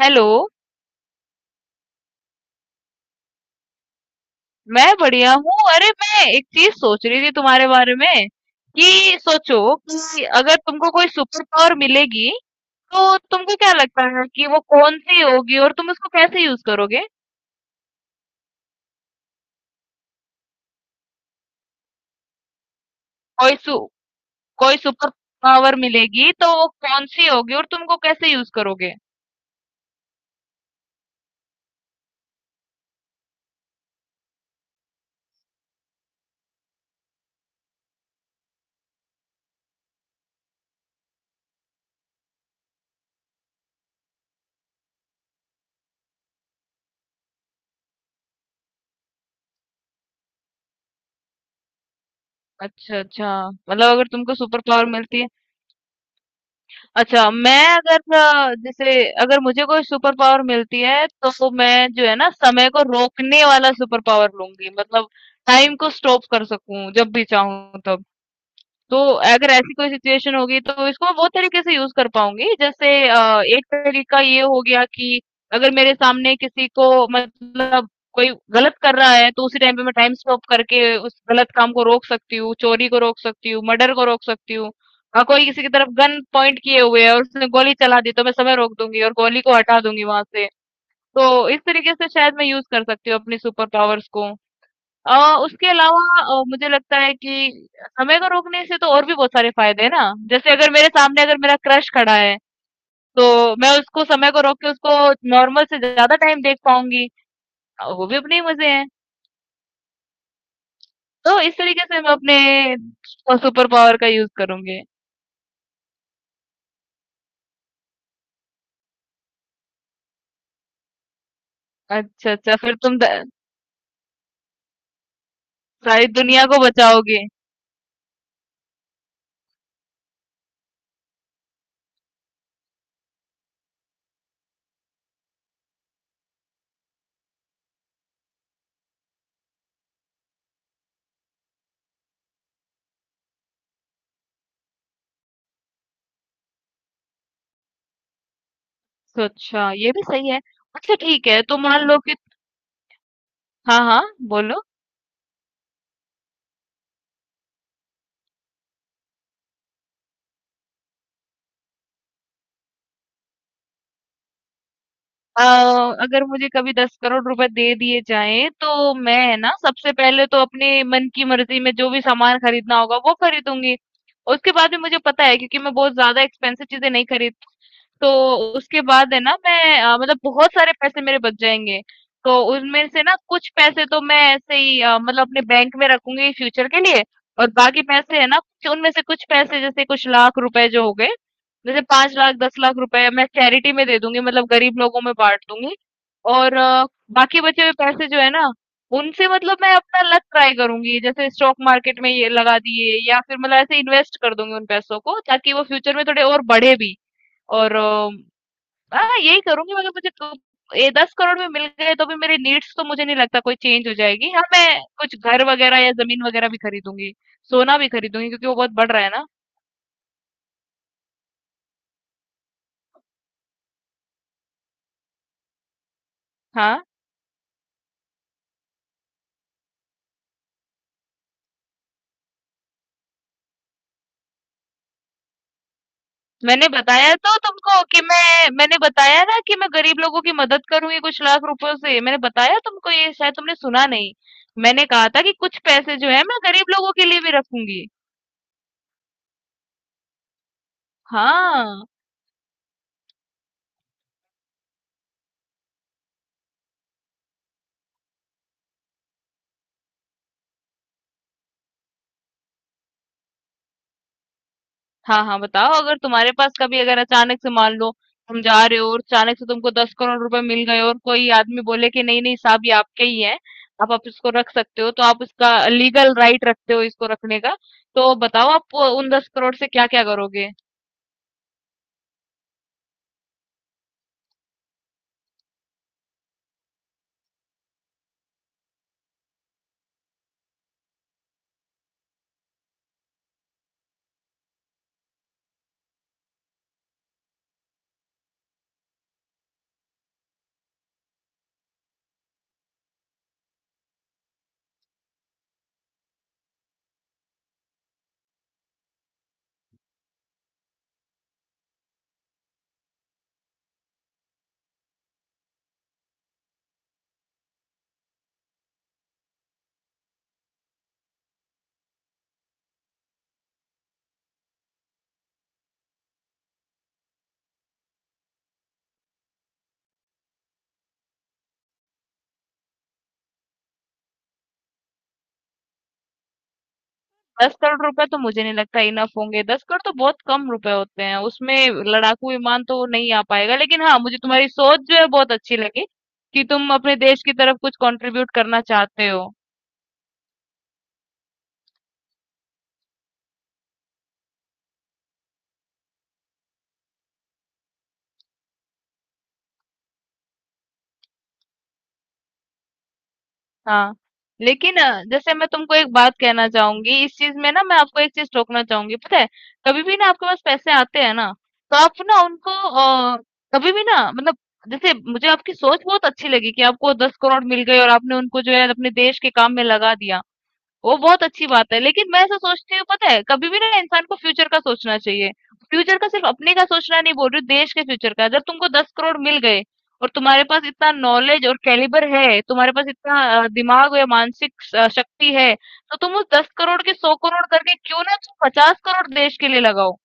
Hello. मैं बढ़िया हूँ। अरे, मैं एक चीज सोच रही थी तुम्हारे बारे में कि सोचो कि अगर तुमको कोई सुपर पावर मिलेगी तो तुमको क्या लगता है कि वो कौन सी होगी और तुम उसको कैसे यूज करोगे? कोई सु, कोई सुपर पावर मिलेगी तो वो कौन सी होगी और तुमको कैसे यूज करोगे? अच्छा, अच्छा, मतलब अगर तुमको सुपर पावर मिलती है। अच्छा, मैं अगर जैसे अगर मुझे कोई सुपर पावर मिलती है तो मैं जो है ना समय को रोकने वाला सुपर पावर लूंगी, मतलब टाइम को स्टॉप कर सकूं जब भी चाहूं तब। तो अगर ऐसी कोई सिचुएशन होगी तो इसको बहुत तरीके से यूज़ कर पाऊँगी। जैसे एक तरीका ये हो गया कि अगर मेरे सामने किसी को मतलब कोई गलत कर रहा है तो उसी टाइम पे मैं टाइम स्टॉप करके उस गलत काम को रोक सकती हूँ, चोरी को रोक सकती हूँ, मर्डर को रोक सकती हूँ। कोई किसी की तरफ गन पॉइंट किए हुए है और उसने गोली चला दी तो मैं समय रोक दूँगी और गोली को हटा दूँगी वहाँ से। तो इस तरीके से शायद मैं यूज़ कर सकती हूँ अपनी सुपर पावर्स को। अ, उसके अलावा मुझे लगता है कि समय को रोकने से तो और भी बहुत सारे फायदे हैं ना। जैसे अगर मेरे सामने अगर मेरा क्रश खड़ा है, तो मैं उसको समय को रोक के उसको नॉर्मल से ज़्यादा टाइम देख पाऊँगी। वो भी अपने ही मज़े हैं। तो इस तरीके से मैं अपने सुपर पावर का यूज़ करूँगी। अच्छा, अच्छा, फिर तुम द सारी दुनिया को बचाओगे। तो अच्छा, ये भी सही है। अच्छा, ठीक है, तो मान लो कि हाँ, हाँ, बोलो। अ, अगर मुझे कभी 10 करोड़ रुपए दे दिए जाएँ, तो मैं है ना सबसे पहले तो अपने मन की मर्ज़ी में जो भी सामान खरीदना होगा वो खरीदूँगी। उसके बाद भी मुझे पता है क्योंकि मैं बहुत ज़्यादा एक्सपेंसिव चीज़ें नहीं खरीदती, तो उसके बाद है ना मैं मतलब बहुत सारे पैसे मेरे बच जाएंगे। तो उनमें से ना कुछ पैसे तो मैं ऐसे ही मतलब अपने बैंक में रखूंगी फ्यूचर के लिए, और बाकी पैसे है ना उनमें से कुछ पैसे, जैसे कुछ लाख रुपए जो हो गए, जैसे पांच लाख दस लाख रुपए मैं चैरिटी में दे दूंगी, मतलब गरीब लोगों में बांट दूंगी। और बाकी बचे हुए पैसे जो है ना, उनसे मतलब मैं अपना लक ट्राई करूंगी, जैसे स्टॉक मार्केट में ये लगा दिए, या फिर मतलब ऐसे इन्वेस्ट कर दूंगी उन पैसों को ताकि वो फ्यूचर में थोड़े और बढ़े भी। और हाँ, यही करूंगी। मगर मुझे तो ये दस करोड़ में मिल गए तो भी मेरी नीड्स तो मुझे नहीं लगता कोई चेंज हो जाएगी। हाँ, मैं कुछ घर वगैरह या जमीन वगैरह भी खरीदूंगी, सोना भी खरीदूंगी क्योंकि वो बहुत बढ़ रहा है ना। हाँ, मैंने बताया तो तुमको कि मैंने बताया ना कि मैं गरीब लोगों की मदद करूंगी कुछ लाख रुपयों से। मैंने बताया तुमको, ये शायद तुमने सुना नहीं। मैंने कहा था कि कुछ पैसे जो है मैं गरीब लोगों के लिए भी रखूंगी। हाँ, हाँ, हाँ, बताओ। अगर तुम्हारे पास कभी अगर अचानक से मान लो तुम जा रहे हो और अचानक से तुमको दस करोड़ रुपए मिल गए और कोई आदमी बोले कि नहीं नहीं साहब ये आपके ही है, आप इसको रख सकते हो, तो आप इसका लीगल राइट रखते हो इसको रखने का। तो बताओ, आप उन दस करोड़ से क्या क्या करोगे? दस करोड़ रुपए तो मुझे नहीं लगता इनफ होंगे। दस करोड़ तो बहुत कम रुपए होते हैं। उसमें लड़ाकू विमान तो नहीं आ पाएगा, लेकिन हाँ, मुझे तुम्हारी सोच जो है बहुत अच्छी लगी कि तुम अपने देश की तरफ कुछ कंट्रीब्यूट करना चाहते हो। हाँ, लेकिन जैसे मैं तुमको एक बात कहना चाहूंगी। इस चीज में ना मैं आपको एक चीज टोकना चाहूंगी। पता है, कभी भी ना आपके पास पैसे आते हैं ना, तो आप ना उनको कभी भी ना, मतलब जैसे मुझे आपकी सोच बहुत अच्छी लगी कि आपको दस करोड़ मिल गए और आपने उनको जो है अपने देश के काम में लगा दिया। वो बहुत अच्छी बात है, लेकिन मैं ऐसा सोचती हूँ, पता है, कभी भी ना इंसान को फ्यूचर का सोचना चाहिए। फ्यूचर का सिर्फ अपने का सोचना नहीं बोल रही हूँ, देश के फ्यूचर का। जब तुमको 10 करोड़ मिल गए और तुम्हारे पास इतना नॉलेज और कैलिबर है, तुम्हारे पास इतना दिमाग या मानसिक शक्ति है, तो तुम उस 10 करोड़ के 100 करोड़ करके क्यों ना तुम 50 करोड़ देश के लिए लगाओ।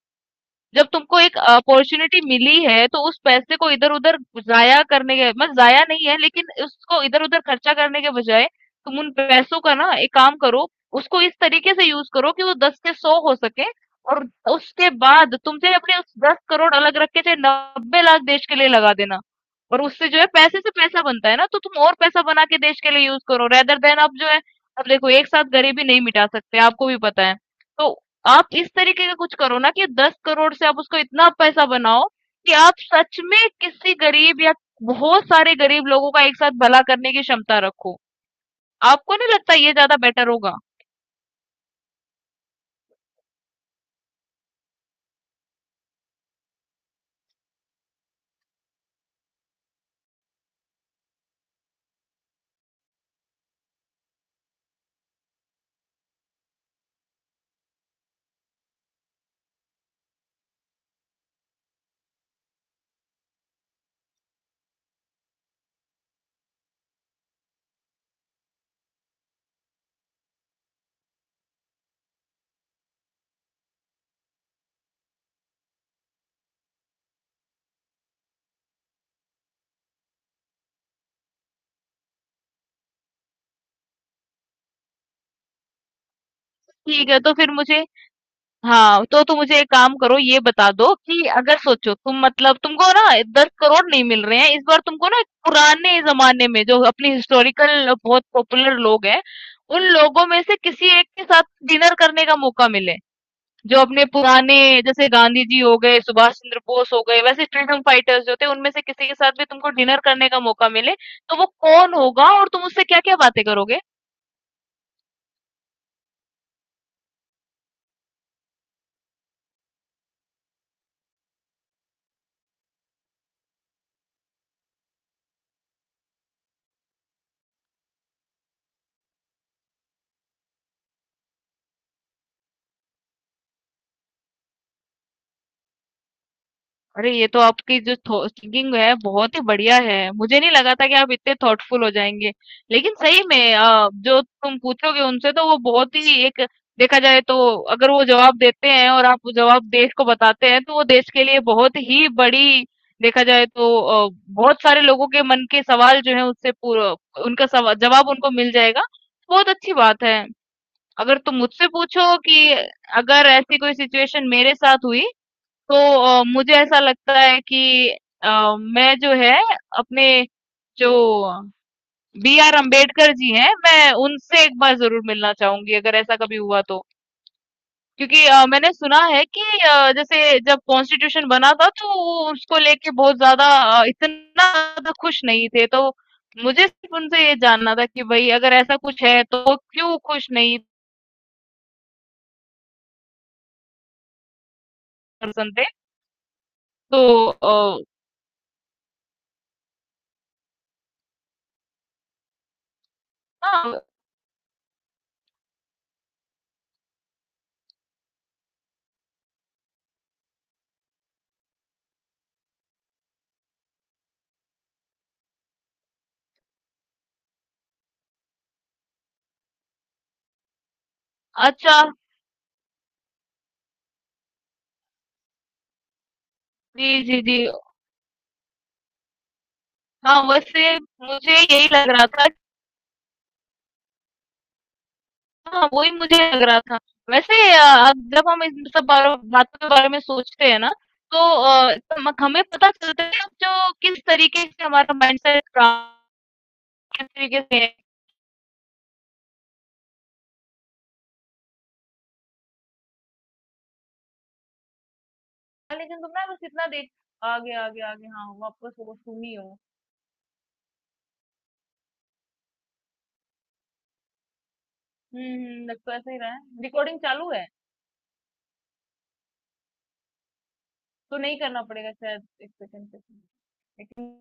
जब तुमको एक अपॉर्चुनिटी मिली है तो उस पैसे को इधर-उधर जाया करने के, मतलब जाया नहीं है, लेकिन उसको इधर-उधर खर्चा करने के बजाय तुम उन पैसों का ना एक काम करो, उसको इस तरीके से यूज़ करो कि वो 10 से 100 हो सके, और उसके बाद तुम चाहे अपने उस 10 करोड़ अलग रख के चाहे 90 लाख देश के लिए लगा देना। और उससे जो है पैसे से पैसा बनता है ना, तो तुम और पैसा बना के देश के लिए यूज़ करो, रेदर देन आप जो है, अब देखो एक साथ गरीबी नहीं मिटा सकते, आपको भी पता है। तो आप इस तरीके का कुछ करो ना कि 10 करोड़ से आप उसको इतना पैसा बनाओ कि आप सच में किसी गरीब या बहुत सारे गरीब लोगों का एक साथ भला करने की क्षमता रखो। आपको नहीं लगता ये ज्यादा बेटर होगा? ठीक है, तो फिर मुझे, हाँ, तो तुम मुझे एक काम करो, ये बता दो कि अगर सोचो तुम, मतलब तुमको ना दस करोड़ नहीं मिल रहे हैं इस बार, तुमको ना पुराने जमाने में जो अपनी हिस्टोरिकल बहुत पॉपुलर लोग हैं, उन लोगों में से किसी एक के साथ डिनर करने का मौका मिले, जो अपने पुराने, जैसे गांधी जी हो गए, सुभाष चंद्र बोस हो गए, वैसे फ्रीडम फाइटर्स जो थे, उनमें से किसी के साथ भी तुमको डिनर करने का मौका मिले, तो वो कौन होगा और तुम उससे क्या-क्या बातें करोगे? अरे, ये तो आपकी जो थिंकिंग है बहुत ही बढ़िया है, मुझे नहीं लगा था कि आप इतने थॉटफुल हो जाएंगे। लेकिन सही में जो तुम पूछोगे उनसे, तो वो बहुत ही एक, देखा जाए तो अगर वो जवाब देते हैं और आप वो जवाब देश को बताते हैं, तो वो देश के लिए बहुत ही बड़ी, देखा जाए तो बहुत सारे लोगों के मन के सवाल जो है उससे पूरा, उनका जवाब उनको मिल जाएगा। बहुत अच्छी बात है। अगर तुम मुझसे पूछो कि अगर ऐसी कोई सिचुएशन मेरे साथ हुई, तो मुझे ऐसा लगता है कि अ, मैं जो है अपने जो बी आर अम्बेडकर जी हैं, मैं उनसे एक बार जरूर मिलना चाहूंगी अगर ऐसा कभी हुआ तो, क्योंकि मैंने सुना है कि जैसे जब कॉन्स्टिट्यूशन बना था, तो वो उसको लेके बहुत ज्यादा, इतना ज्यादा खुश नहीं थे। तो मुझे सिर्फ उनसे ये जानना था कि भाई, अगर ऐसा कुछ है तो वो क्यों खुश नहीं पर्सन थे। तो अ, हाँ, अच्छा, जी जी जी। हाँ, वैसे मुझे यही लग रहा था। हाँ, वही मुझे लग रहा था। वैसे जब हम इन सब बारो बातों के बारे में सोचते हैं ना, तो म हमें पता चलता है जो किस तरीके से हमारा माइंडसेट किस तरीके से है। लेकिन तुम ना बस इतना देख आगे, आगे, आगे, हाँ, वापस वो तुम ही हो। हुँ, हुँ, लग तो ऐसा ही रहा है। रिकॉर्डिंग चालू है, तो नहीं करना पड़ेगा शायद 1 सेकंड पे। लेकिन